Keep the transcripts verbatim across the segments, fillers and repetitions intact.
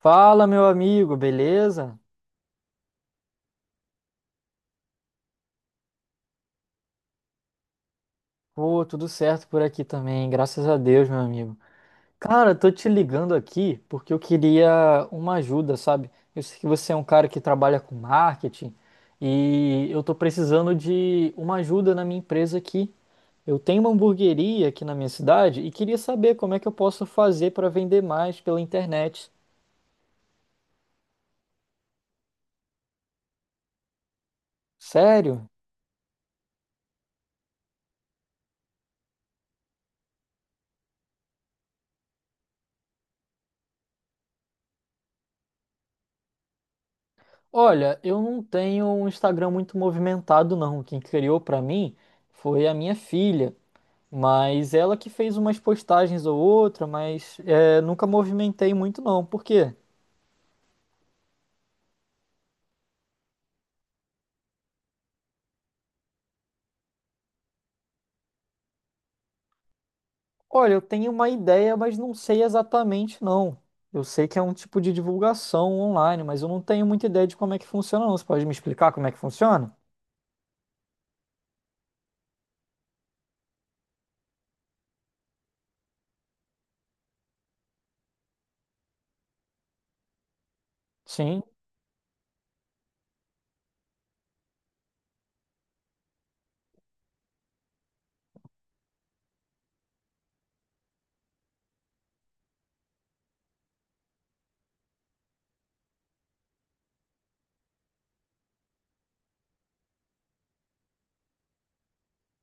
Fala, meu amigo, beleza? Pô, tudo certo por aqui também, graças a Deus, meu amigo. Cara, eu tô te ligando aqui porque eu queria uma ajuda, sabe? Eu sei que você é um cara que trabalha com marketing e eu tô precisando de uma ajuda na minha empresa aqui. Eu tenho uma hamburgueria aqui na minha cidade e queria saber como é que eu posso fazer para vender mais pela internet. Sério? Olha, eu não tenho um Instagram muito movimentado, não. Quem criou pra mim foi a minha filha. Mas ela que fez umas postagens ou outra, mas é, nunca movimentei muito não. Por quê? Olha, eu tenho uma ideia, mas não sei exatamente não. Eu sei que é um tipo de divulgação online, mas eu não tenho muita ideia de como é que funciona não. Você pode me explicar como é que funciona? Sim.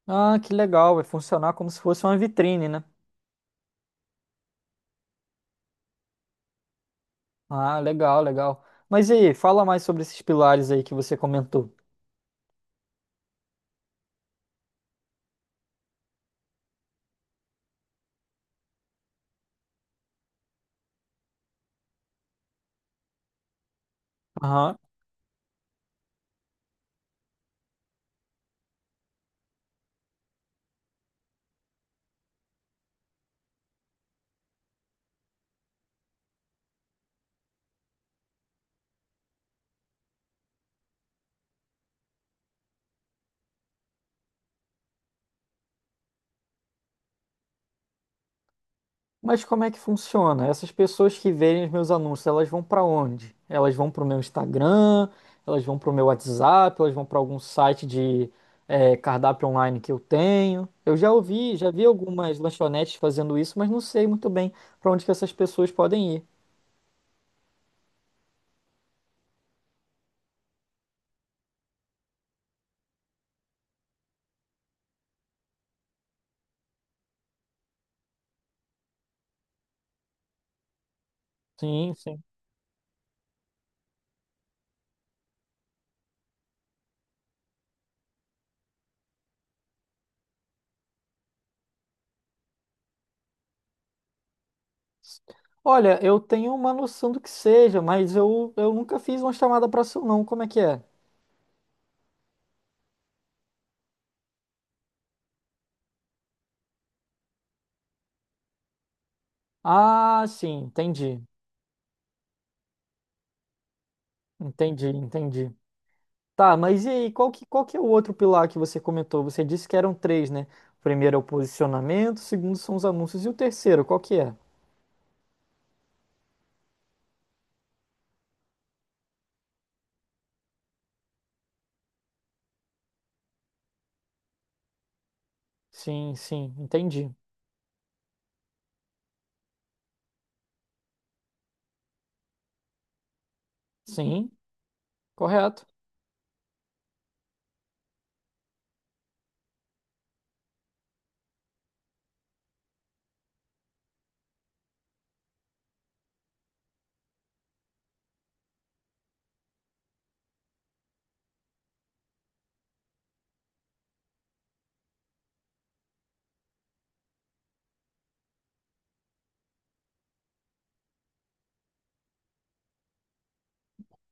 Ah, que legal. Vai funcionar como se fosse uma vitrine, né? Ah, legal, legal. Mas e aí, fala mais sobre esses pilares aí que você comentou. Aham. Mas como é que funciona? Essas pessoas que verem os meus anúncios, elas vão para onde? Elas vão para o meu Instagram, elas vão para o meu WhatsApp, elas vão para algum site de é, cardápio online que eu tenho. Eu já ouvi, já vi algumas lanchonetes fazendo isso, mas não sei muito bem para onde que essas pessoas podem ir. Sim, sim. Olha, eu tenho uma noção do que seja, mas eu, eu nunca fiz uma chamada para seu não. Como é que é? Ah, sim, entendi. Entendi, entendi. Tá, mas e aí, qual que, qual que é o outro pilar que você comentou? Você disse que eram três, né? O primeiro é o posicionamento, o segundo são os anúncios e o terceiro, qual que é? Sim, sim, entendi. Sim, correto.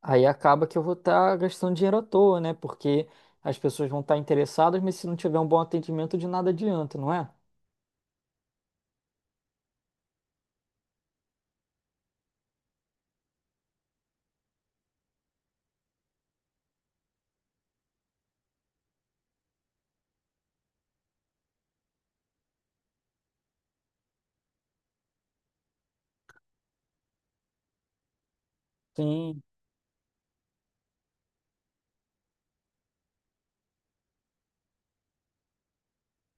Aí acaba que eu vou estar gastando dinheiro à toa, né? Porque as pessoas vão estar interessadas, mas se não tiver um bom atendimento, de nada adianta, não é? Sim,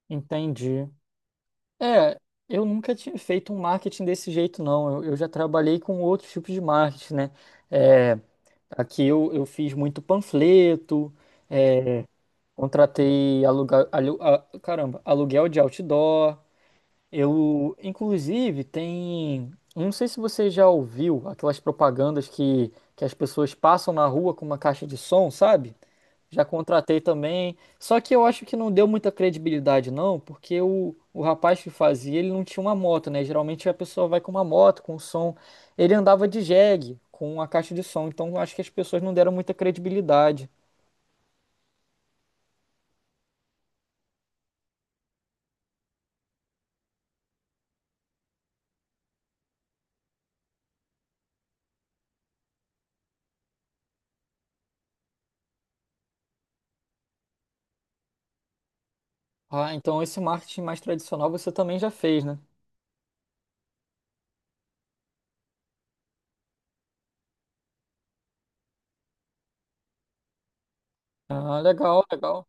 entendi. É, eu nunca tinha feito um marketing desse jeito, não. Eu, eu já trabalhei com outros tipos de marketing, né? É, aqui eu, eu fiz muito panfleto. Contratei aluga, alu, a- caramba, aluguel de outdoor. Eu, inclusive, tem. Eu Não sei se você já ouviu aquelas propagandas que, que as pessoas passam na rua com uma caixa de som, sabe? Já contratei também. Só que eu acho que não deu muita credibilidade, não, porque o, o rapaz que fazia, ele não tinha uma moto, né? Geralmente a pessoa vai com uma moto, com um som. Ele andava de jegue, com a caixa de som. Então eu acho que as pessoas não deram muita credibilidade. Ah, então esse marketing mais tradicional você também já fez, né? Ah, legal, legal.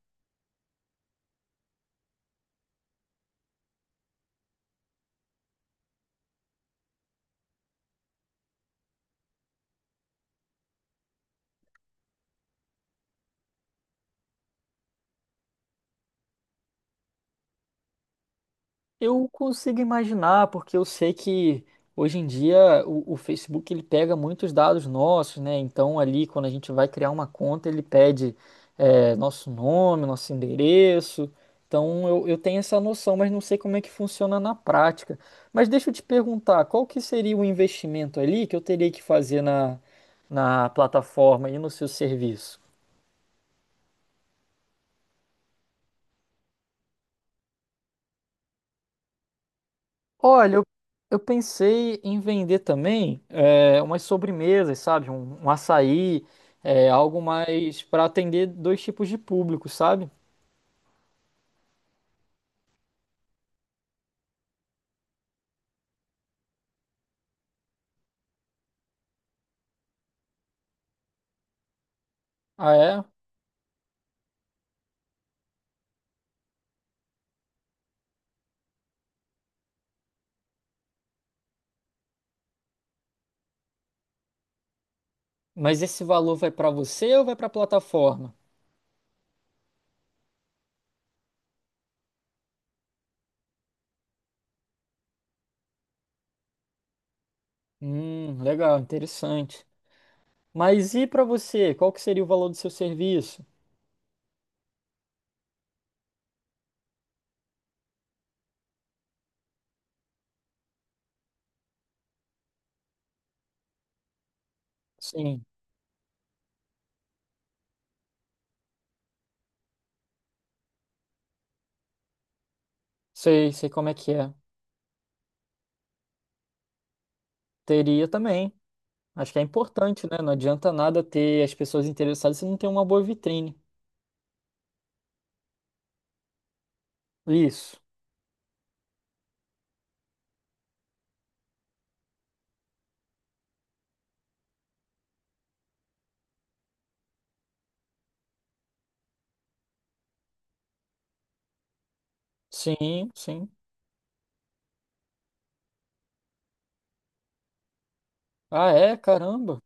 Eu consigo imaginar, porque eu sei que hoje em dia o, o Facebook ele pega muitos dados nossos, né? Então ali quando a gente vai criar uma conta, ele pede é, nosso nome, nosso endereço. Então eu, eu tenho essa noção, mas não sei como é que funciona na prática. Mas deixa eu te perguntar, qual que seria o investimento ali que eu teria que fazer na, na plataforma e no seu serviço? Olha, eu, eu pensei em vender também é, umas sobremesas, sabe? Um, um açaí, é, algo mais para atender dois tipos de público, sabe? Ah, é? Mas esse valor vai para você ou vai para a plataforma? Hum, legal, interessante. Mas e para você? Qual que seria o valor do seu serviço? Sim, sei, sei como é que é. Teria também. Acho que é importante, né? Não adianta nada ter as pessoas interessadas se não tem uma boa vitrine. Isso. Sim, sim. Ah, é? Caramba.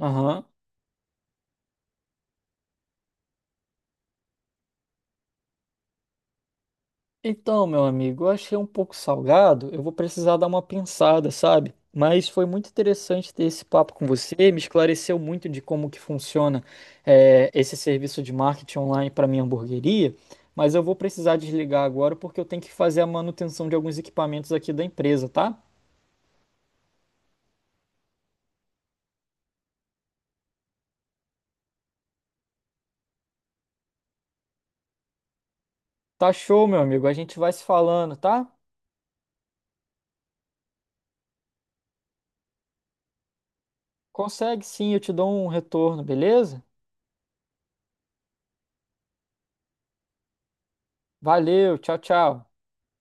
Aham. Então, meu amigo, eu achei um pouco salgado. Eu vou precisar dar uma pensada, sabe? Mas foi muito interessante ter esse papo com você. Me esclareceu muito de como que funciona, eh, esse serviço de marketing online para minha hamburgueria. Mas eu vou precisar desligar agora porque eu tenho que fazer a manutenção de alguns equipamentos aqui da empresa, tá? Tá show, meu amigo. A gente vai se falando, tá? Consegue sim, eu te dou um retorno, beleza? Valeu, tchau, tchau.